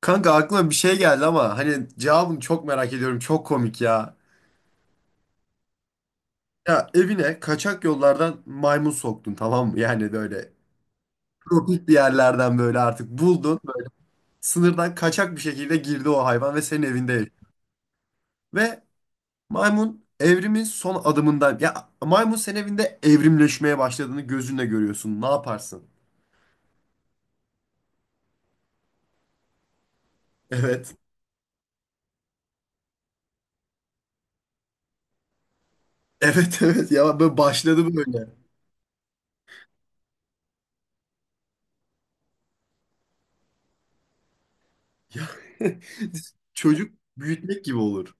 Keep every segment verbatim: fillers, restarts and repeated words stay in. Kanka aklıma bir şey geldi ama hani cevabını çok merak ediyorum. Çok komik ya. Ya evine kaçak yollardan maymun soktun, tamam mı? Yani böyle tropik bir yerlerden böyle artık buldun. Sınırdan kaçak bir şekilde girdi o hayvan ve senin evinde yaşıyor. Ve maymun evrimin son adımından, ya maymun senin evinde evrimleşmeye başladığını gözünle görüyorsun. Ne yaparsın? Evet. Evet evet, ya böyle başladı böyle. Ya, çocuk büyütmek gibi olur.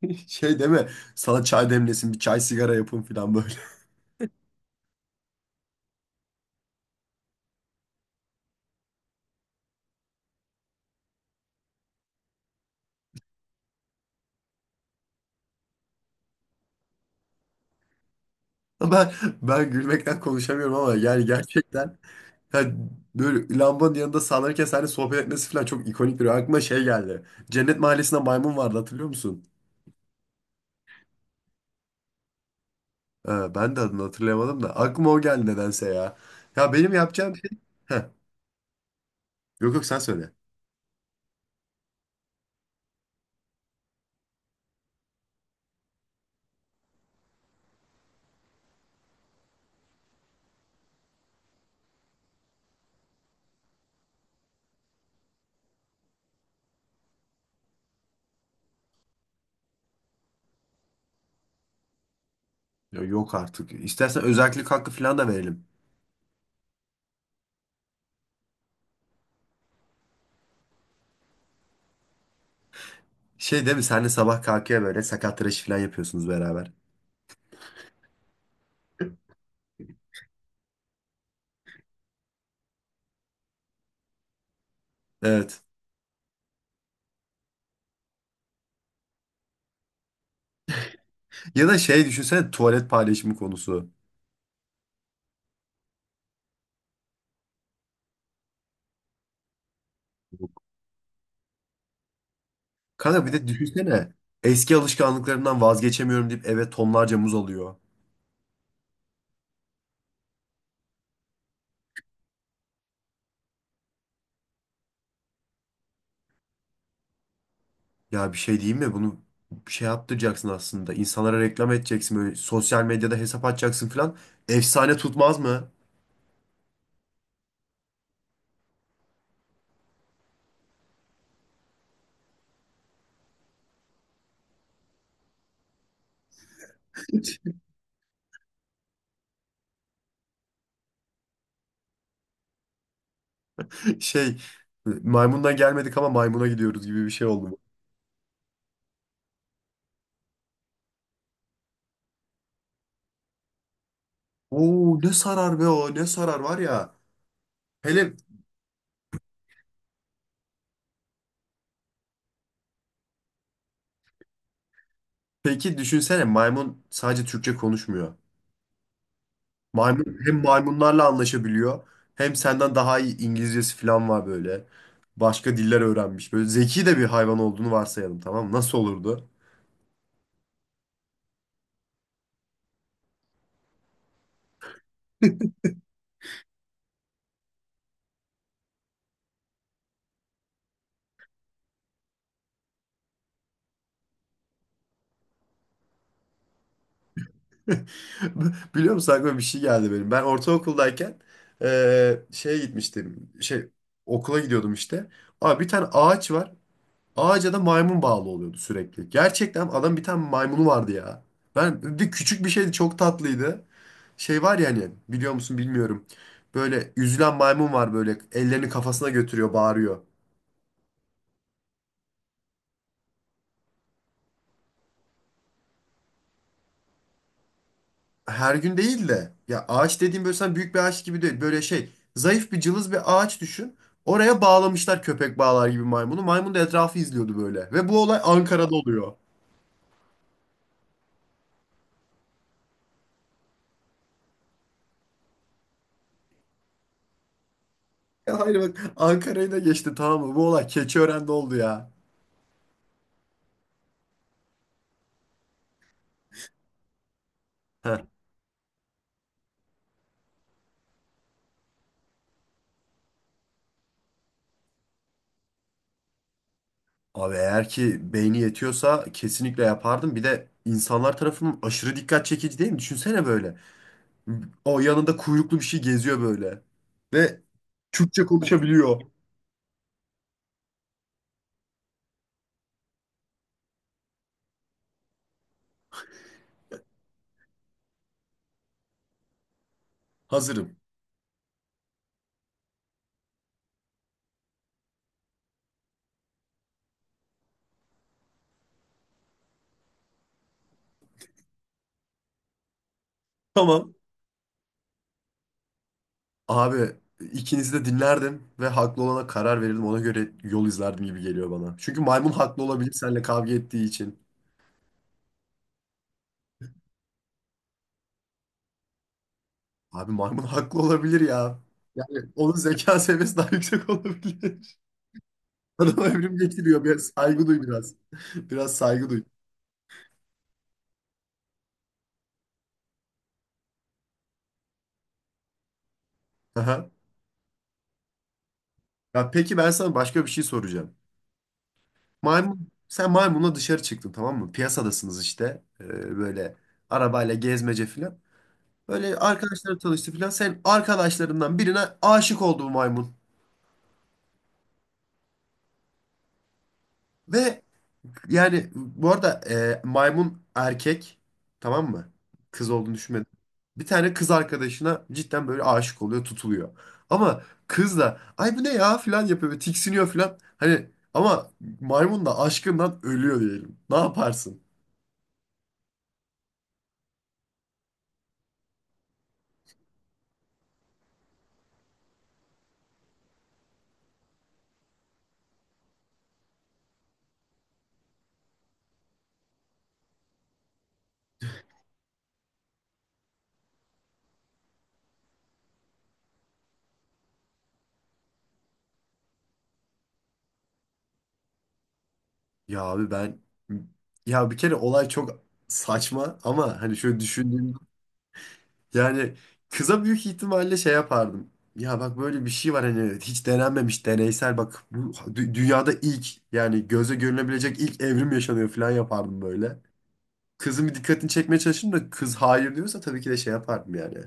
Şey deme, sana çay demlesin, bir çay sigara yapın falan böyle. Ben ben gülmekten konuşamıyorum ama yani gerçekten, yani böyle lambanın yanında sallanırken seninle sohbet etmesi falan çok ikonik, bir aklıma şey geldi. Cennet Mahallesi'nde maymun vardı, hatırlıyor musun? Ee, ben de adını hatırlayamadım da aklıma o geldi nedense ya. Ya benim yapacağım şey... Heh, yok yok sen söyle. Ya yok artık. İstersen özellik hakkı falan da verelim. Şey değil mi? Senle sabah kalkıyor, böyle sakat tıraşı falan yapıyorsunuz beraber. Evet. Ya da şey, düşünsene tuvalet paylaşımı konusu. Kanka bir de düşünsene, eski alışkanlıklarından vazgeçemiyorum deyip eve tonlarca muz alıyor. Ya bir şey diyeyim mi, bunu bir şey yaptıracaksın aslında. İnsanlara reklam edeceksin, böyle sosyal medyada hesap açacaksın falan. Efsane tutmaz mı? Şey, maymundan gelmedik ama maymuna gidiyoruz gibi bir şey oldu bu. Oo ne sarar be, o ne sarar var ya. Hele peki düşünsene, maymun sadece Türkçe konuşmuyor. Maymun hem maymunlarla anlaşabiliyor, hem senden daha iyi İngilizcesi falan var böyle. Başka diller öğrenmiş. Böyle zeki de bir hayvan olduğunu varsayalım, tamam mı? Nasıl olurdu? Biliyor musun, aklıma bir şey geldi benim. Ben ortaokuldayken eee şeye gitmiştim. Şey, okula gidiyordum işte. Abi bir tane ağaç var. Ağaca da maymun bağlı oluyordu sürekli. Gerçekten adam bir tane maymunu vardı ya. Ben bir küçük bir şeydi, çok tatlıydı. Şey var ya, hani biliyor musun bilmiyorum. Böyle üzülen maymun var, böyle ellerini kafasına götürüyor, bağırıyor. Her gün değil de, ya ağaç dediğim böyle sen büyük bir ağaç gibi değil. Böyle şey, zayıf bir cılız bir ağaç düşün. Oraya bağlamışlar köpek bağlar gibi maymunu. Maymun da etrafı izliyordu böyle. Ve bu olay Ankara'da oluyor. Ya hayır bak, Ankara'yı da geçti tamam mı? Bu olay Keçiören'de oldu ya. Heh. Abi eğer ki beyni yetiyorsa kesinlikle yapardım. Bir de insanlar tarafından aşırı dikkat çekici değil mi? Düşünsene böyle. O yanında kuyruklu bir şey geziyor böyle. Ve Türkçe konuşabiliyor. Hazırım. Tamam. Abi ikinizi de dinlerdim ve haklı olana karar verirdim. Ona göre yol izlerdim gibi geliyor bana. Çünkü maymun haklı olabilir seninle kavga ettiği için. Abi maymun haklı olabilir ya. Yani onun zeka seviyesi daha yüksek olabilir. Adam evrim geçiriyor. Biraz saygı duy biraz. Biraz saygı duy. Aha. Ya peki, ben sana başka bir şey soracağım. Maymun, sen maymunla dışarı çıktın tamam mı? Piyasadasınız işte. Ee, böyle arabayla gezmece filan. Böyle arkadaşları tanıştı filan. Sen arkadaşlarından birine aşık oldu bu maymun. Ve yani bu arada e, maymun erkek, tamam mı? Kız olduğunu düşünmedim. Bir tane kız arkadaşına cidden böyle aşık oluyor, tutuluyor. Ama kız da ay bu ne ya filan yapıyor, böyle tiksiniyor filan. Hani ama maymun da aşkından ölüyor diyelim. Ne yaparsın? Ya abi ben, ya bir kere olay çok saçma, ama hani şöyle düşündüğüm, yani kıza büyük ihtimalle şey yapardım. Ya bak böyle bir şey var, hani hiç denenmemiş deneysel, bak bu dü- dünyada ilk, yani göze görünebilecek ilk evrim yaşanıyor falan yapardım böyle. Kızın bir dikkatini çekmeye çalışırım da, kız hayır diyorsa tabii ki de şey yapardım yani.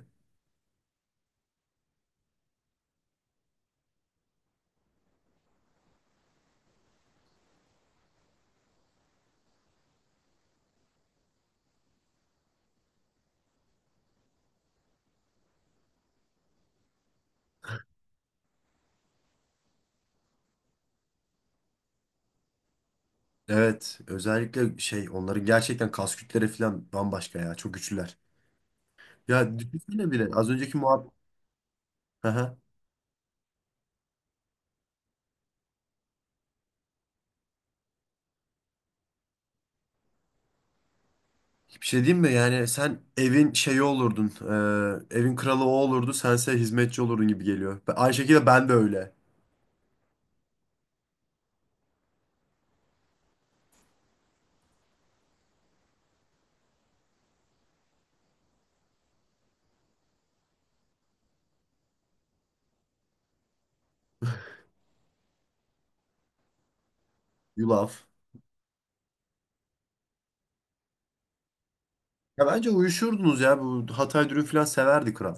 Evet özellikle şey, onların gerçekten kas kütleri falan bambaşka ya, çok güçlüler. Ya düşünsene bile az önceki muhabbet. Bir şey diyeyim mi? Yani sen evin şeyi olurdun. Ee, evin kralı o olurdu. Sense hizmetçi olurdun gibi geliyor. Ben- aynı şekilde ben de öyle. Yulaf. Ya bence uyuşurdunuz ya. Bu Hatay dürüm falan severdi kral.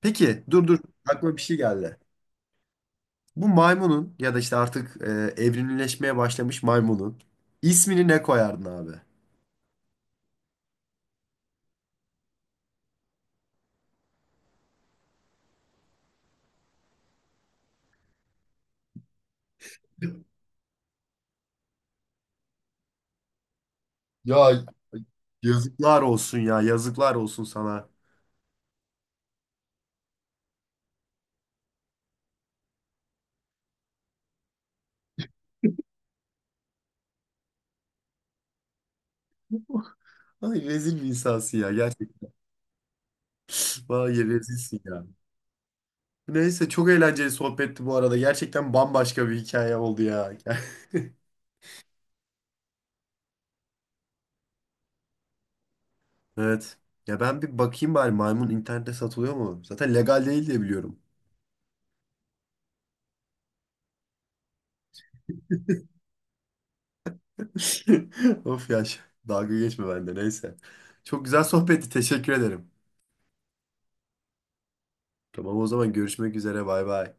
Peki dur dur. Aklıma bir şey geldi. Bu maymunun ya da işte artık e, evrimleşmeye başlamış maymunun ismini ne koyardın abi? Ya yazıklar olsun ya. Yazıklar olsun sana. Ay rezil bir insansın ya. Gerçekten. Vay rezilsin ya. Neyse, çok eğlenceli sohbetti bu arada. Gerçekten bambaşka bir hikaye oldu ya. Evet. Ya ben bir bakayım bari, maymun internette satılıyor mu? Zaten legal değil diye biliyorum. Of ya. Ş- Dalga geçme bende, neyse. Çok güzel sohbetti. Teşekkür ederim. Tamam o zaman, görüşmek üzere. Bay bay.